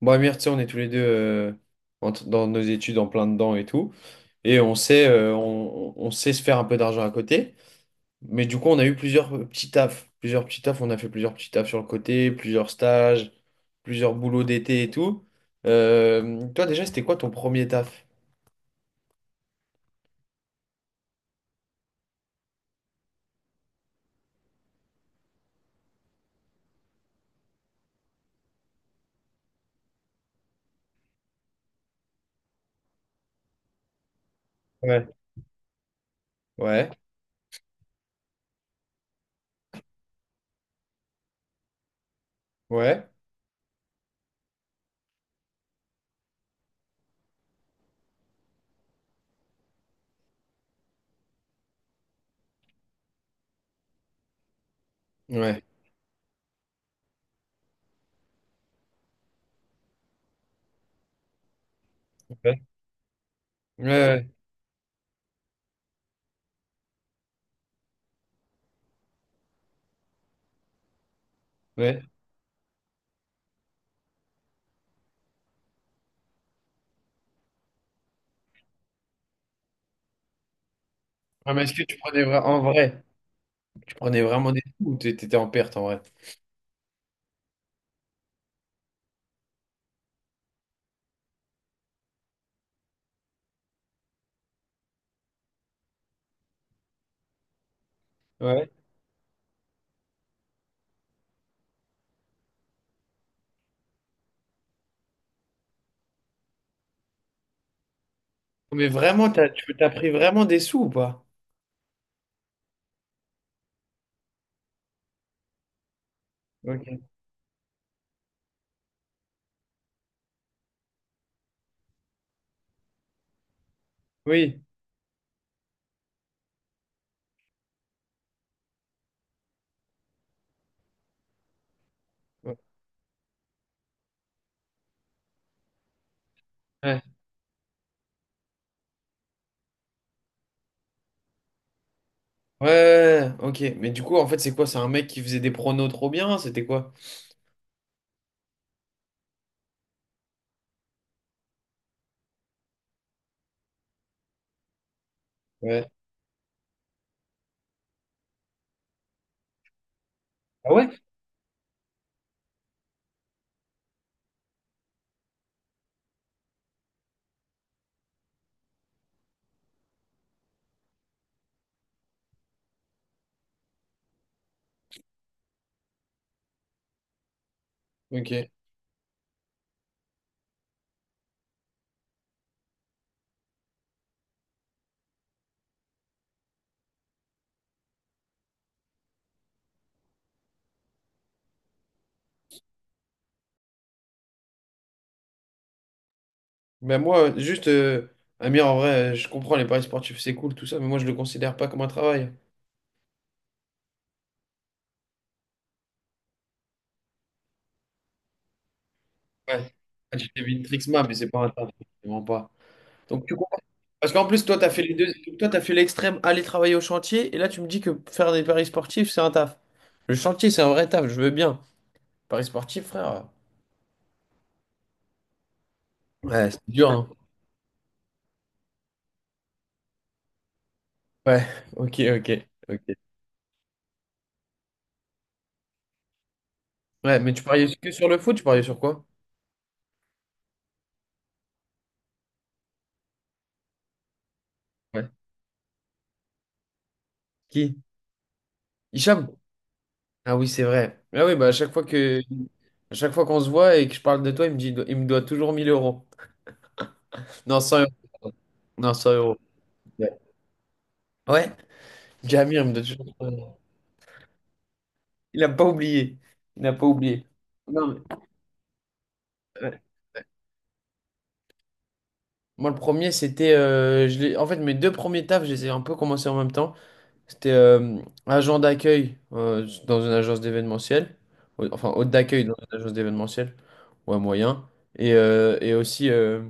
Bon, Amir, tu sais, on est tous les deux dans nos études en plein dedans et tout. Et on sait, on sait se faire un peu d'argent à côté. Mais du coup, on a eu plusieurs petits tafs. Plusieurs petits tafs. On a fait plusieurs petits tafs sur le côté, plusieurs stages, plusieurs boulots d'été et tout. Toi, déjà, c'était quoi ton premier taf? Ouais. Ouais. Ouais. Ouais. Ouais. Ouais. Ouais. Ouais, ah, mais est-ce que tu prenais en vrai, tu prenais vraiment des sous ou t'étais en perte en vrai? Ouais. Mais vraiment, tu as pris vraiment des sous ou pas? Ok. Oui. Ouais. Ouais, ouais, ouais, ok. Mais du coup, en fait, c'est quoi? C'est un mec qui faisait des pronos trop bien? C'était quoi? Ouais. Ah ouais? Ok. Ben moi, juste, Amir, en vrai, je comprends les paris sportifs, c'est cool, tout ça, mais moi, je le considère pas comme un travail. Ouais. Ah, tu fais Vintrixma, mais c'est pas un travail, vraiment pas. Donc, tu comprends. Parce qu'en plus, toi, t'as fait les deux. Toi, t'as fait l'extrême, aller travailler au chantier, et là, tu me dis que faire des paris sportifs, c'est un taf. Le chantier, c'est un vrai taf, je veux bien. Paris sportif, frère. Ouais, c'est dur, hein. Ouais, ok, ok. Ok. Ouais, mais tu pariais que sur le foot, tu pariais sur quoi? Ouais. Qui? Hicham? Ah oui, c'est vrai. Ah oui, bah à chaque fois qu'on se voit et que je parle de toi, il me dit il me doit toujours 1000 euros. Non, 100 euros. Non, 100 euros. Ouais. Ouais. Jamir il me doit toujours 100 euros. Il n'a pas oublié. Il n'a pas oublié. Non, mais, ouais. Moi, le premier, c'était en fait, mes deux premiers tafs, je les ai un peu commencés en même temps. C'était agent d'accueil dans une agence d'événementiel. Enfin, hôte d'accueil dans une agence d'événementiel. Ouais, moyen. Et, et aussi euh,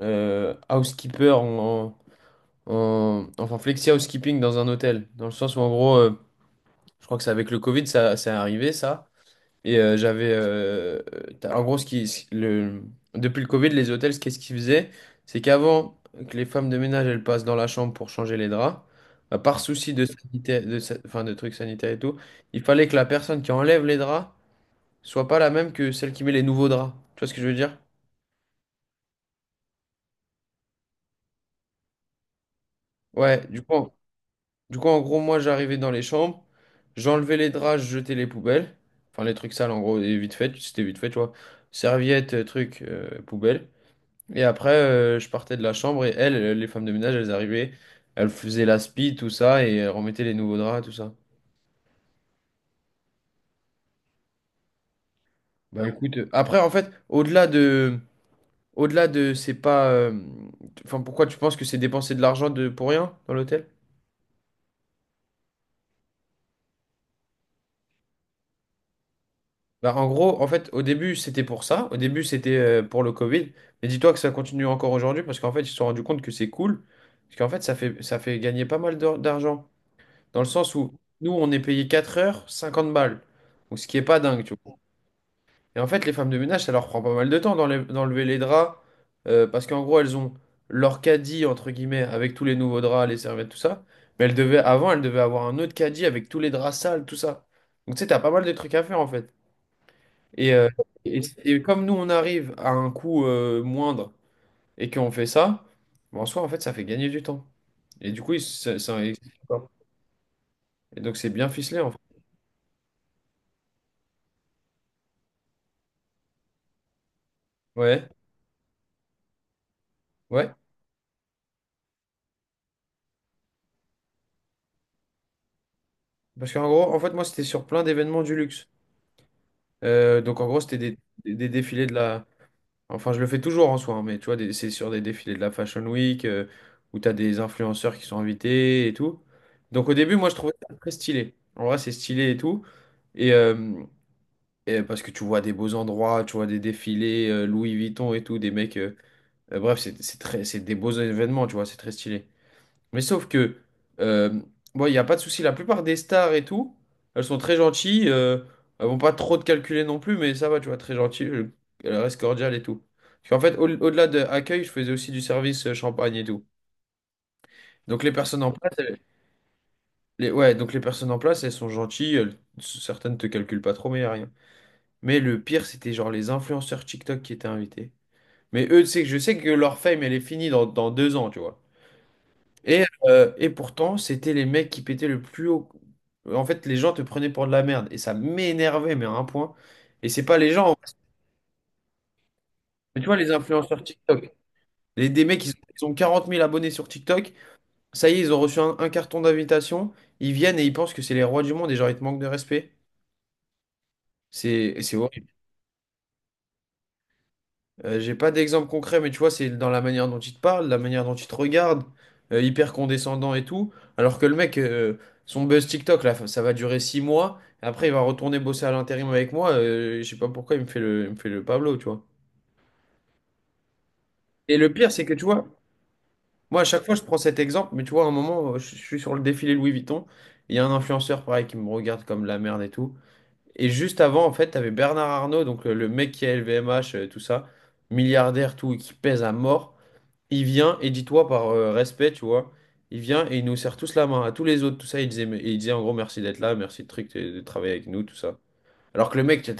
euh, housekeeper enfin, flexi housekeeping dans un hôtel. Dans le sens où, en gros, je crois que c'est avec le Covid, ça est arrivé, ça. Et j'avais. En gros, ce qui, ce- le, depuis le Covid, les hôtels, ce qu'est-ce qu'ils faisaient? C'est qu'avant que les femmes de ménage elles passent dans la chambre pour changer les draps, bah, par souci de sanitaire, enfin, de trucs sanitaires et tout, il fallait que la personne qui enlève les draps soit pas la même que celle qui met les nouveaux draps. Tu vois ce que je veux dire? Ouais, du coup, en gros, moi, j'arrivais dans les chambres, j'enlevais les draps, je jetais les poubelles. Enfin, les trucs sales, en gros, et vite fait, c'était vite fait, tu vois. Serviettes, trucs, poubelles. Et après, je partais de la chambre et elles, les femmes de ménage, elles arrivaient, elles faisaient la spie, tout ça, et elles remettaient les nouveaux draps, tout ça. Bah ouais. Écoute, après, en fait, au-delà de... Au-delà de... C'est pas... enfin, pourquoi tu penses que c'est dépenser de l'argent de... pour rien dans l'hôtel? Bah en gros, en fait, au début, c'était pour ça. Au début, c'était pour le Covid. Mais dis-toi que ça continue encore aujourd'hui, parce qu'en fait, ils se sont rendus compte que c'est cool. Parce qu'en fait, ça fait gagner pas mal d'argent. Dans le sens où, nous, on est payé 4 heures, 50 balles. Donc, ce qui est pas dingue, tu vois. Et en fait, les femmes de ménage, ça leur prend pas mal de temps d'enlever les draps, parce qu'en gros, elles ont leur caddie, entre guillemets, avec tous les nouveaux draps, les serviettes, tout ça. Mais elles devaient, avant, elles devaient avoir un autre caddie avec tous les draps sales, tout ça. Donc, tu sais, t'as pas mal de trucs à faire, en fait. Et, et comme nous, on arrive à un coût moindre et qu'on fait ça, ben, en soi, en fait, ça fait gagner du temps. Et du coup, et donc, c'est bien ficelé, en fait. Ouais, ouais. Parce qu'en gros, en fait, moi, c'était sur plein d'événements du luxe. Donc en gros, c'était des défilés de la... Enfin, je le fais toujours en soi, hein, mais tu vois, c'est sur des défilés de la Fashion Week, où tu as des influenceurs qui sont invités et tout. Donc au début, moi, je trouvais ça très stylé. En vrai, c'est stylé et tout. Et, euh, et parce que tu vois des beaux endroits, tu vois des défilés, Louis Vuitton et tout, des mecs... bref, c'est des beaux événements, tu vois, c'est très stylé. Mais sauf que, euh, bon, il n'y a pas de souci. La plupart des stars et tout, elles sont très gentilles. Elles vont pas trop te calculer non plus, mais ça va, tu vois, très gentilles. Elles restent cordiales et tout. Parce qu'en fait, au- delà de accueil, je faisais aussi du service champagne et tout. Donc les personnes en place, ouais, donc les personnes en place, elles sont gentilles. Certaines te calculent pas trop, mais y a rien. Mais le pire, c'était genre les influenceurs TikTok qui étaient invités. Mais eux, tu sais que je sais que leur fame, elle est finie dans deux ans, tu vois. Et pourtant, c'était les mecs qui pétaient le plus haut. En fait, les gens te prenaient pour de la merde. Et ça m'énervait, mais à un point. Et c'est pas les gens. Mais tu vois, les influenceurs TikTok. Les, des mecs, ils ont 40 000 abonnés sur TikTok. Ça y est, ils ont reçu un carton d'invitation. Ils viennent et ils pensent que c'est les rois du monde. Et genre, ils te manquent de respect. C'est horrible. J'ai pas d'exemple concret, mais tu vois, c'est dans la manière dont il te parle, la manière dont il te regarde, hyper condescendant et tout. Alors que le mec, son buzz TikTok, là, ça va durer six mois. Après, il va retourner bosser à l'intérim avec moi. Je sais pas pourquoi il me fait le Pablo, tu vois. Et le pire, c'est que tu vois, moi, à chaque fois, je prends cet exemple, mais tu vois, à un moment, je suis sur le défilé Louis Vuitton. Il y a un influenceur, pareil, qui me regarde comme de la merde et tout. Et juste avant, en fait, t'avais Bernard Arnault, donc le mec qui a LVMH, tout ça, milliardaire, tout, et qui pèse à mort. Il vient, et dis-toi par respect, tu vois, il vient et il nous serre tous la main, à tous les autres, tout ça, il disait, il disait en gros merci d'être là, merci de truc, de travailler avec nous, tout ça. Alors que le mec, tu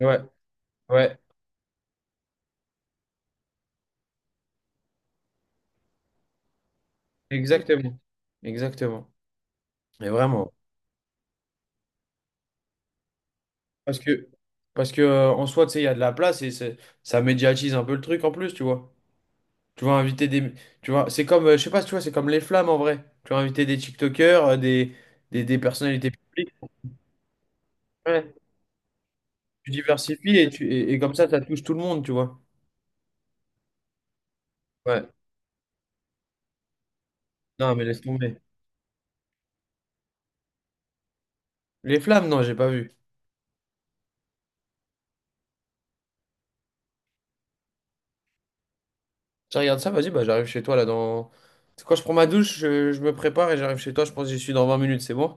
ouais, ouais, exactement. Exactement. Et vraiment. Parce que, Parce que en soi, tu sais, il y a de la place et ça médiatise un peu le truc en plus, tu vois. Tu vas inviter des. Tu vois, c'est comme, je sais pas si tu vois, c'est comme les flammes en vrai. Tu vas inviter des TikTokers, des personnalités publiques. Ouais. Tu diversifies et comme ça touche tout le monde, tu vois. Ouais. Non, mais laisse tomber. Les flammes, non, j'ai pas vu. Tu regardes ça, vas-y, bah j'arrive chez toi là dans. C'est quand je prends ma douche, je me prépare et j'arrive chez toi, je pense que j'y suis dans 20 minutes, c'est bon?